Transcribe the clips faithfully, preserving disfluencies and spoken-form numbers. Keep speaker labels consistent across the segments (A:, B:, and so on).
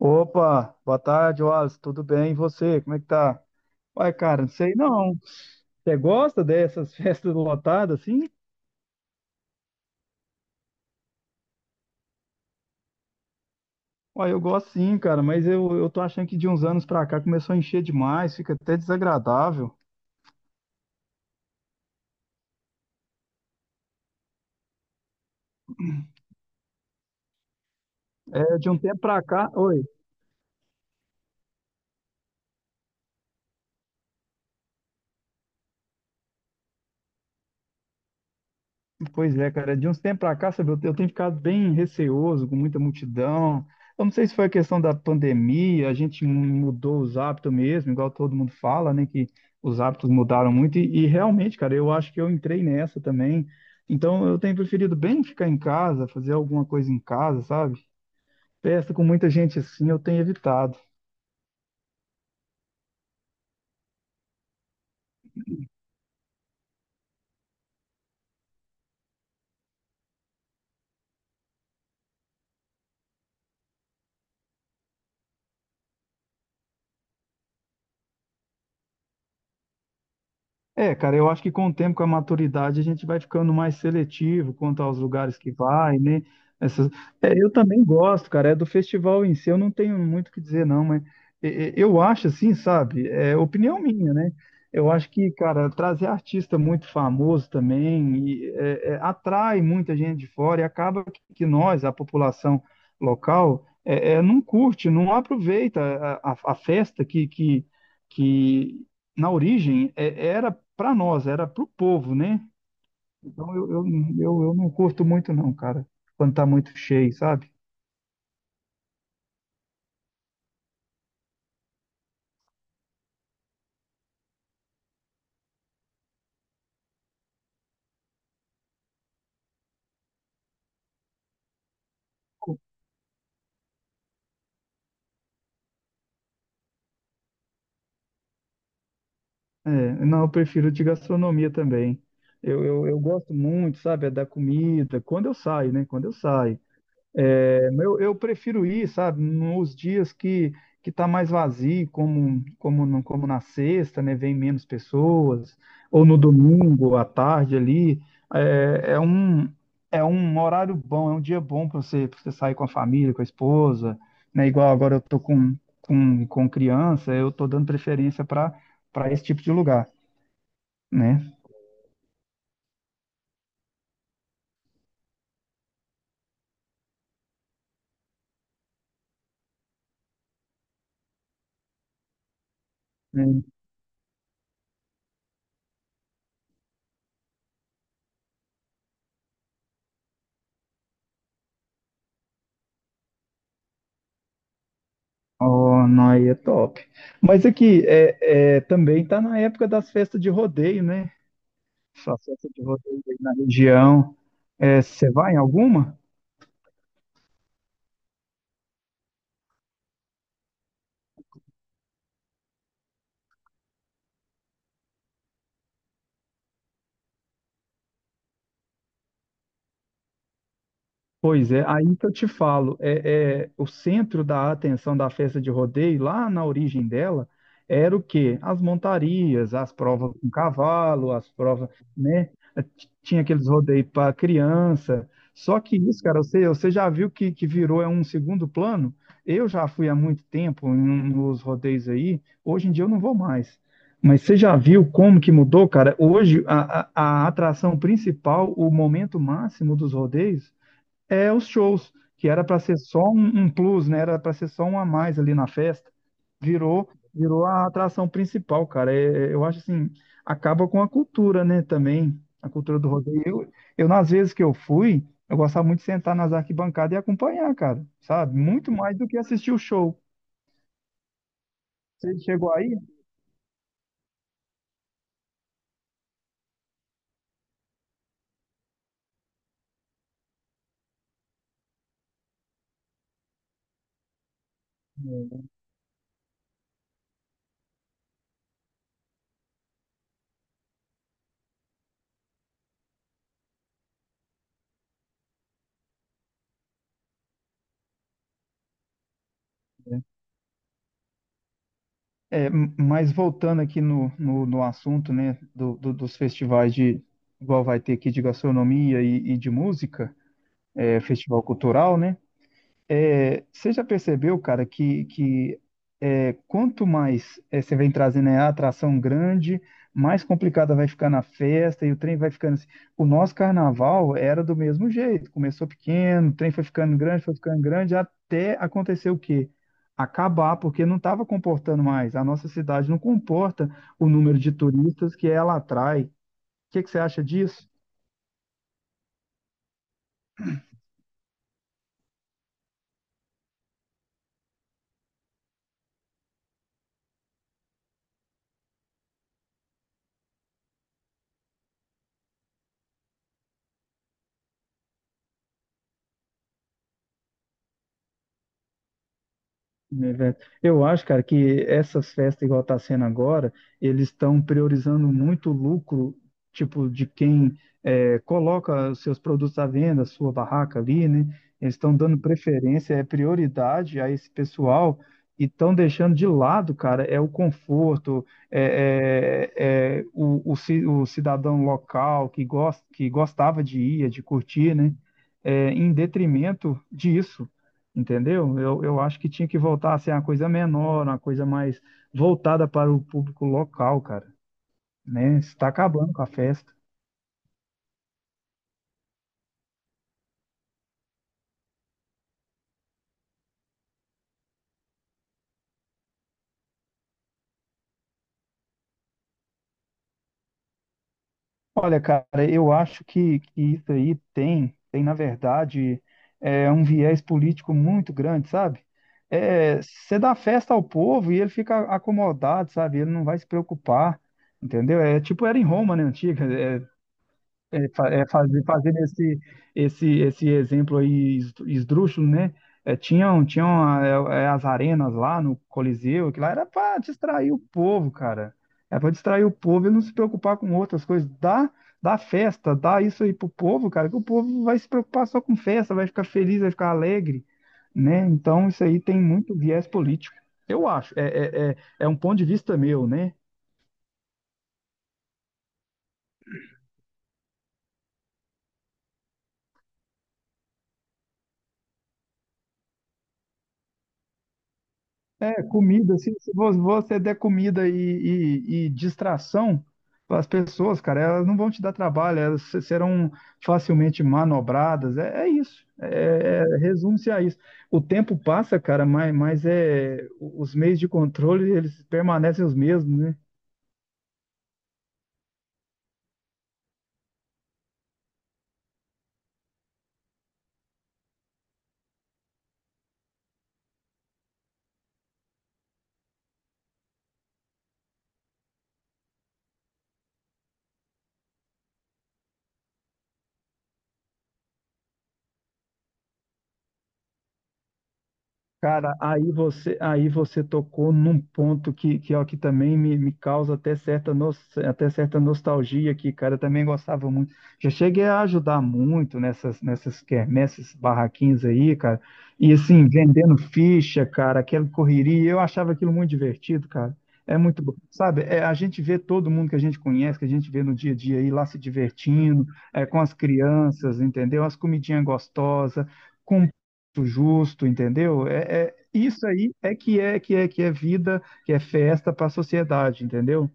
A: Opa, boa tarde, Wallace. Tudo bem? E você? Como é que tá? Uai, cara, não sei não. Você gosta dessas festas lotadas assim? Uai, eu gosto sim, cara, mas eu, eu tô achando que de uns anos pra cá começou a encher demais, fica até desagradável. É, de um tempo pra cá. Oi. Pois é, cara, de uns tempos pra cá, sabe, eu eu tenho ficado bem receoso com muita multidão. Eu não sei se foi a questão da pandemia, a gente mudou os hábitos mesmo, igual todo mundo fala, né, que os hábitos mudaram muito e, e realmente, cara, eu acho que eu entrei nessa também. Então, eu tenho preferido bem ficar em casa, fazer alguma coisa em casa, sabe? Festa com muita gente assim, eu tenho evitado. É, cara, eu acho que com o tempo, com a maturidade, a gente vai ficando mais seletivo quanto aos lugares que vai, né? Essas... É, eu também gosto, cara, é do festival em si, eu não tenho muito o que dizer, não, mas e- e- eu acho assim, sabe? É opinião minha, né? Eu acho que, cara, trazer artista muito famoso também e, é, é, atrai muita gente de fora e acaba que que nós, a população local, é, é, não curte, não aproveita a, a- a festa que, que, que na origem é- era para nós, era pro povo, né? Então eu, eu, eu, eu não curto muito não, cara, quando tá muito cheio, sabe? Co- É, não, eu prefiro de gastronomia também. Eu, eu, eu gosto muito, sabe, é da comida, quando eu saio, né? Quando eu saio. É, eu, eu prefiro ir, sabe, nos dias que que está mais vazio, como, como, no- como na sexta, né, vem menos pessoas, ou no domingo à tarde ali, é, é um, é um horário bom, é um dia bom para você, pra você sair com a família, com a esposa, né, igual agora eu tô com, com, com criança, eu tô dando preferência para para esse tipo de lugar, né? É. Oh, não, aí é top. Mas aqui, é, é, também tá na época das festas de rodeio, né? Sua cesta de vocês aí na região. É, você vai em alguma? Pois é, aí que eu te falo, é, é, o centro da atenção da festa de rodeio, lá na origem dela, era o quê? As montarias, as provas com cavalo, as provas, né? T- Tinha aqueles rodeios para criança. Só que isso, cara, você, você já viu que, que virou é um segundo plano? Eu já fui há muito tempo em um- nos rodeios aí, hoje em dia eu não vou mais. Mas você já viu como que mudou, cara? Hoje, a, a a atração principal, o momento máximo dos rodeios, é os shows, que era para ser só um, um plus, né? Era para ser só um a mais ali na festa. Virou, virou a atração principal, cara. É- é- eu acho assim, acaba com a cultura, né, também, a cultura do rodeio. Eu, eu, nas vezes que eu fui, eu gostava muito de sentar nas arquibancadas e acompanhar, cara, sabe? Muito mais do que assistir o show. Você chegou aí? É, m- mas voltando aqui no, no, no assunto, né, do, do- dos festivais de, igual vai ter aqui de gastronomia e, e de música, é, festival cultural, né? É, você já percebeu, cara, que, que é, quanto mais é, você vem trazendo é, a atração grande, mais complicada vai ficar na festa e o trem vai ficando assim. O nosso carnaval era do mesmo jeito, começou pequeno, o trem foi ficando grande, foi ficando grande, até acontecer o quê? Acabar, porque não estava comportando mais. A nossa cidade não comporta o número de turistas que ela atrai. O que que você acha disso? Evento. Eu acho, cara, que essas festas igual tá sendo agora, eles estão priorizando muito o lucro, tipo, de quem é, coloca os seus produtos à venda, sua barraca ali, né? Eles estão dando preferência, é prioridade a esse pessoal e estão deixando de lado, cara, é o conforto, é, é- é o, o ci- o cidadão local que gosta, que gostava de ir, de curtir, né? É, em detrimento disso. Entendeu? Eu, eu acho que tinha que voltar a ser uma coisa menor, uma coisa mais voltada para o público local, cara, né? Está acabando com a festa. Olha, cara, eu acho que, que isso aí tem, tem, na verdade, é um viés político muito grande, sabe? É, você dá festa ao povo e ele fica acomodado, sabe? Ele não vai se preocupar, entendeu? É tipo era em Roma, né, antiga, é, É, fa- é fazer, fazendo esse, esse, esse exemplo aí es- esdrúxulo, né? É, tinham tinham a- é, é, as arenas lá no Coliseu, que lá era para distrair o povo, cara. Era para distrair o povo e não se preocupar com outras coisas. Dá, dá festa, dá isso aí pro povo, cara, que o povo vai se preocupar só com festa, vai ficar feliz, vai ficar alegre, né? Então isso aí tem muito viés político. Eu acho, é, é, é é um ponto de vista meu, né? É, comida, se, se vo- você der comida e, e- e distração para as pessoas, cara, elas não vão te dar trabalho, elas se- serão facilmente manobradas. É, é isso. É, é- resume-se a isso. O tempo passa, cara, mas, mas é, os meios de controle eles permanecem os mesmos, né? Cara, aí você, aí você tocou num ponto que, que, ó, que também me, me causa até certa, nos- até certa nostalgia aqui, cara. Eu também gostava muito. Já cheguei a ajudar muito nessas, nessas quermesses, barraquinhas aí, cara. E assim, vendendo ficha, cara, aquela correria. Eu achava aquilo muito divertido, cara. É muito bom. Sabe, é, a gente vê todo mundo que a gente conhece, que a gente vê no dia a dia aí lá se divertindo, é, com as crianças, entendeu? As comidinhas gostosas com justo, entendeu? É, é- isso aí é que é que é que é vida, que é festa para a sociedade, entendeu?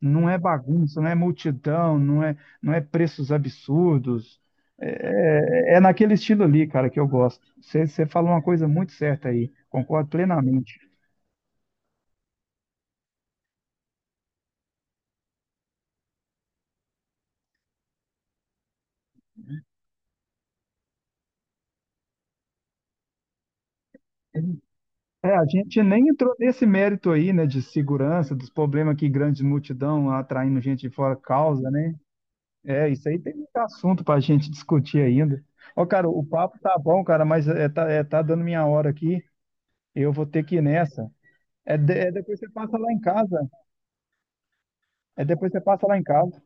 A: Não é bagunça, não é multidão, não é não é preços absurdos. É, é- é naquele estilo ali, cara, que eu gosto. Você você falou uma coisa muito certa aí, concordo plenamente. É, a gente nem entrou nesse mérito aí, né, de segurança, dos problemas que grande multidão atraindo gente de fora causa, né? É, isso aí tem muito assunto pra gente discutir ainda. Ó, cara, o papo tá bom, cara, mas é, tá, é, tá dando minha hora aqui. Eu vou ter que ir nessa. É, de- é depois você passa lá em casa. É depois você passa lá em casa.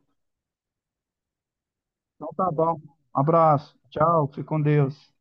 A: Então tá bom. Abraço. Tchau. Fique com Deus.